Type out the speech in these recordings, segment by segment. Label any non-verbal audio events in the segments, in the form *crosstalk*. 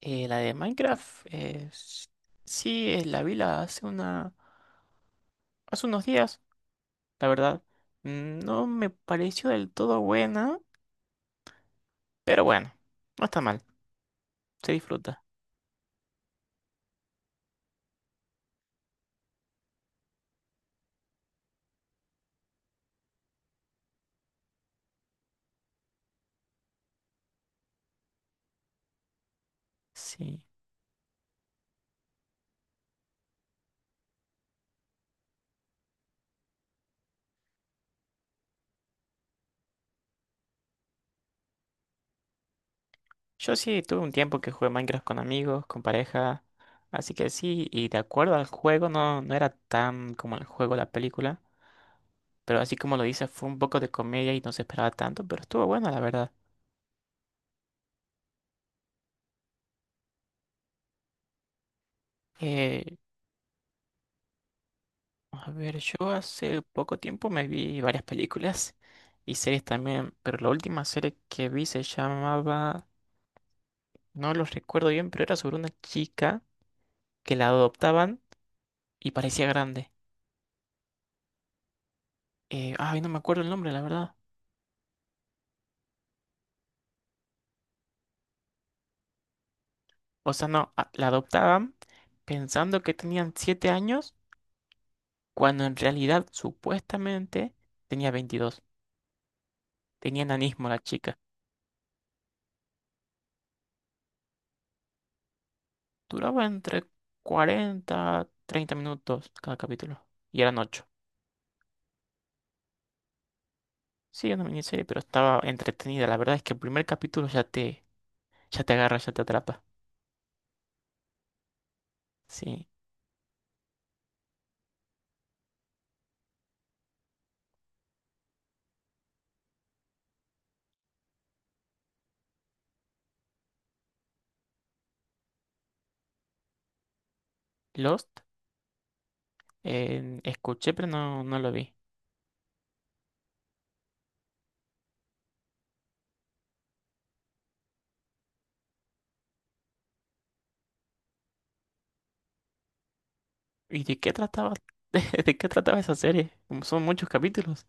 La de Minecraft, sí, la vi la hace una, hace unos días, la verdad. No me pareció del todo buena, pero bueno, no está mal, se disfruta. Sí. Yo sí tuve un tiempo que jugué Minecraft con amigos, con pareja, así que sí, y de acuerdo al juego, no, no era tan como el juego, la película, pero así como lo dices, fue un poco de comedia y no se esperaba tanto, pero estuvo buena, la verdad. Eh, A ver, yo hace poco tiempo me vi varias películas y series también, pero la última serie que vi se llamaba, no los recuerdo bien, pero era sobre una chica que la adoptaban y parecía grande. Ay, no me acuerdo el nombre, la verdad. O sea, no, la adoptaban pensando que tenían 7 años, cuando en realidad supuestamente tenía 22. Tenía enanismo la chica. Duraba entre 40, 30 minutos cada capítulo y eran 8. Sí, es una miniserie, pero estaba entretenida. La verdad es que el primer capítulo ya te agarra, ya te atrapa. Sí. Lost, escuché, pero no, no lo vi. ¿Y de qué trataba? *laughs* ¿De qué trataba esa serie? Como son muchos capítulos.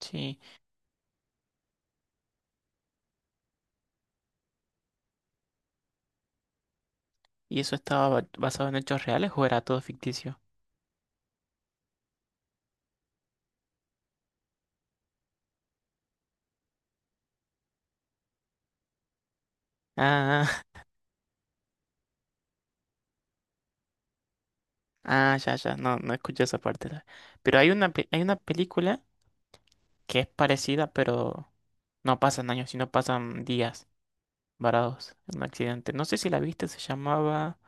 Sí. ¿Y eso estaba basado en hechos reales o era todo ficticio? Ah, *laughs* ah, ya, ya. No, no escuché esa parte. La. Pero hay una, hay una película que es parecida, pero no pasan años, sino pasan días varados en un accidente. No sé si la viste, se llamaba.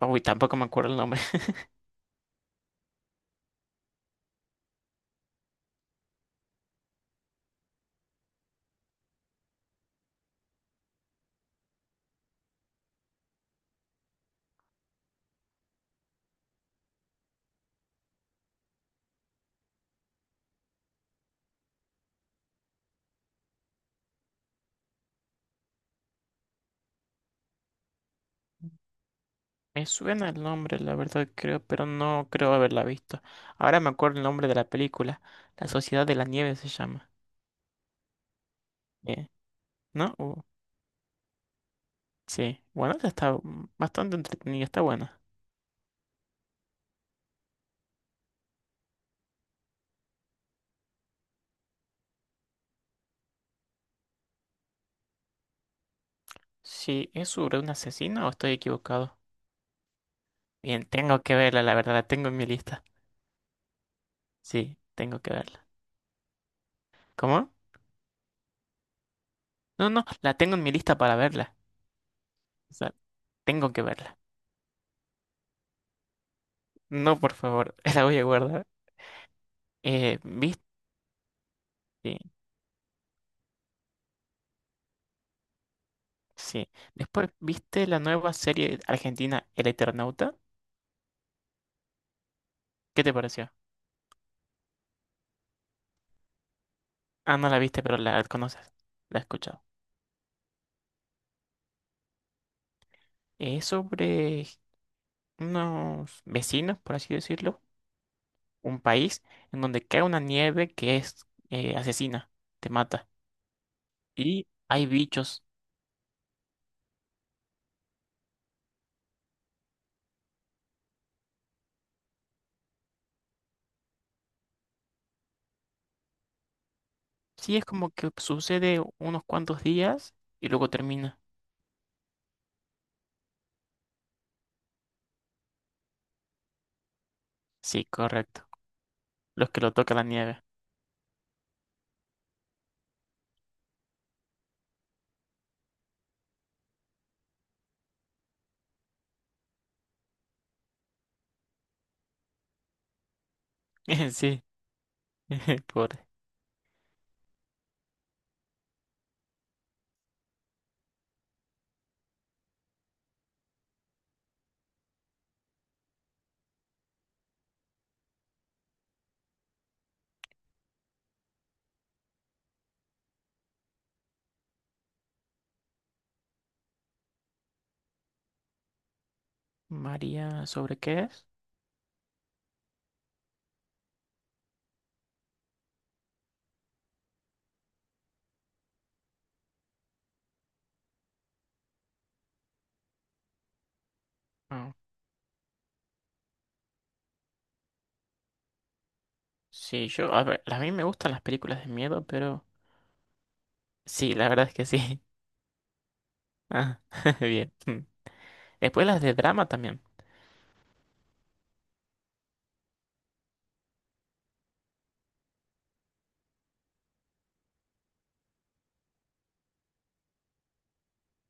Uy, tampoco me acuerdo el nombre. *laughs* Me suena el nombre, la verdad creo, pero no creo haberla visto. Ahora me acuerdo el nombre de la película. La Sociedad de la Nieve se llama. Eh, ¿No? Sí. Bueno, esa está bastante entretenida, está buena. Sí, ¿es sobre un asesino o estoy equivocado? Bien, tengo que verla, la verdad, la tengo en mi lista. Sí, tengo que verla. ¿Cómo? No, no, la tengo en mi lista para verla. O sea, tengo que verla. No, por favor, *laughs* la voy a guardar. ¿Viste? Sí. Después, ¿viste la nueva serie argentina El Eternauta? ¿Qué te pareció? Ah, no la viste, pero la conoces. La has escuchado. Es sobre unos vecinos, por así decirlo. Un país en donde cae una nieve que es asesina, te mata. Y hay bichos. Sí, es como que sucede unos cuantos días y luego termina. Sí, correcto. Los que lo toca la nieve. *laughs* Sí. *laughs* Pobre. María, ¿sobre qué es? Ah. Sí, yo, a ver, a mí me gustan las películas de miedo, pero sí, la verdad es que sí. *laughs* Ah, *laughs* bien. Mm. Después las de drama también.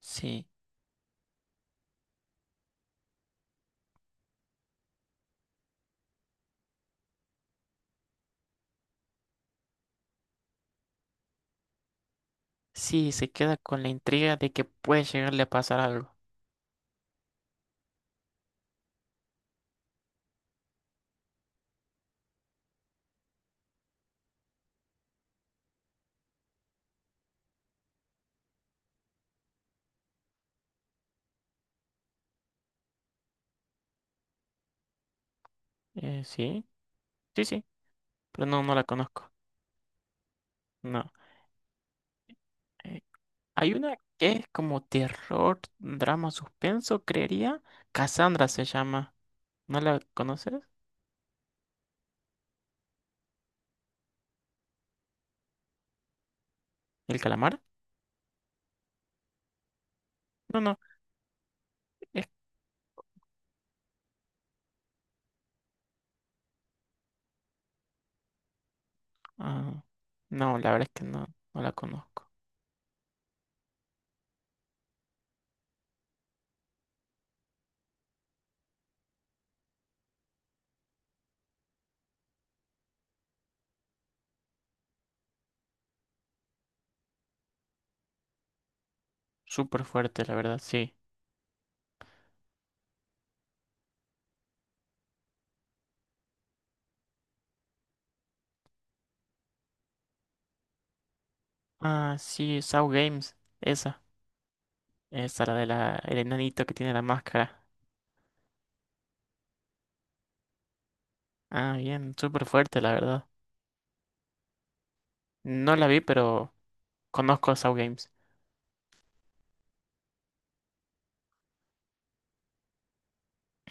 Sí, sí, se queda con la intriga de que puede llegarle a pasar algo. Sí, sí, sí, pero no, no la conozco. No. Eh, Hay una que es como terror, drama, suspenso, creería. Cassandra se llama. ¿No la conoces? ¿El calamar? No, no, es... Ah, no, la verdad es que no, no la conozco. Súper fuerte, la verdad, sí. Ah, sí, Saw Games, esa. Esa, la de la, el enanito que tiene la máscara. Ah, bien, súper fuerte, la verdad. No la vi, pero conozco a Saw Games.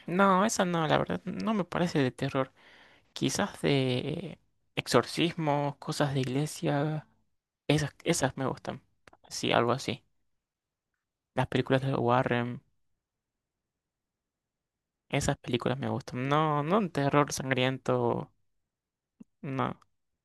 No, esa no, la verdad, no me parece de terror. Quizás de exorcismos, cosas de iglesia. Esas, esas me gustan. Sí, algo así. Las películas de Warren, esas películas me gustan. No, no un terror sangriento. No.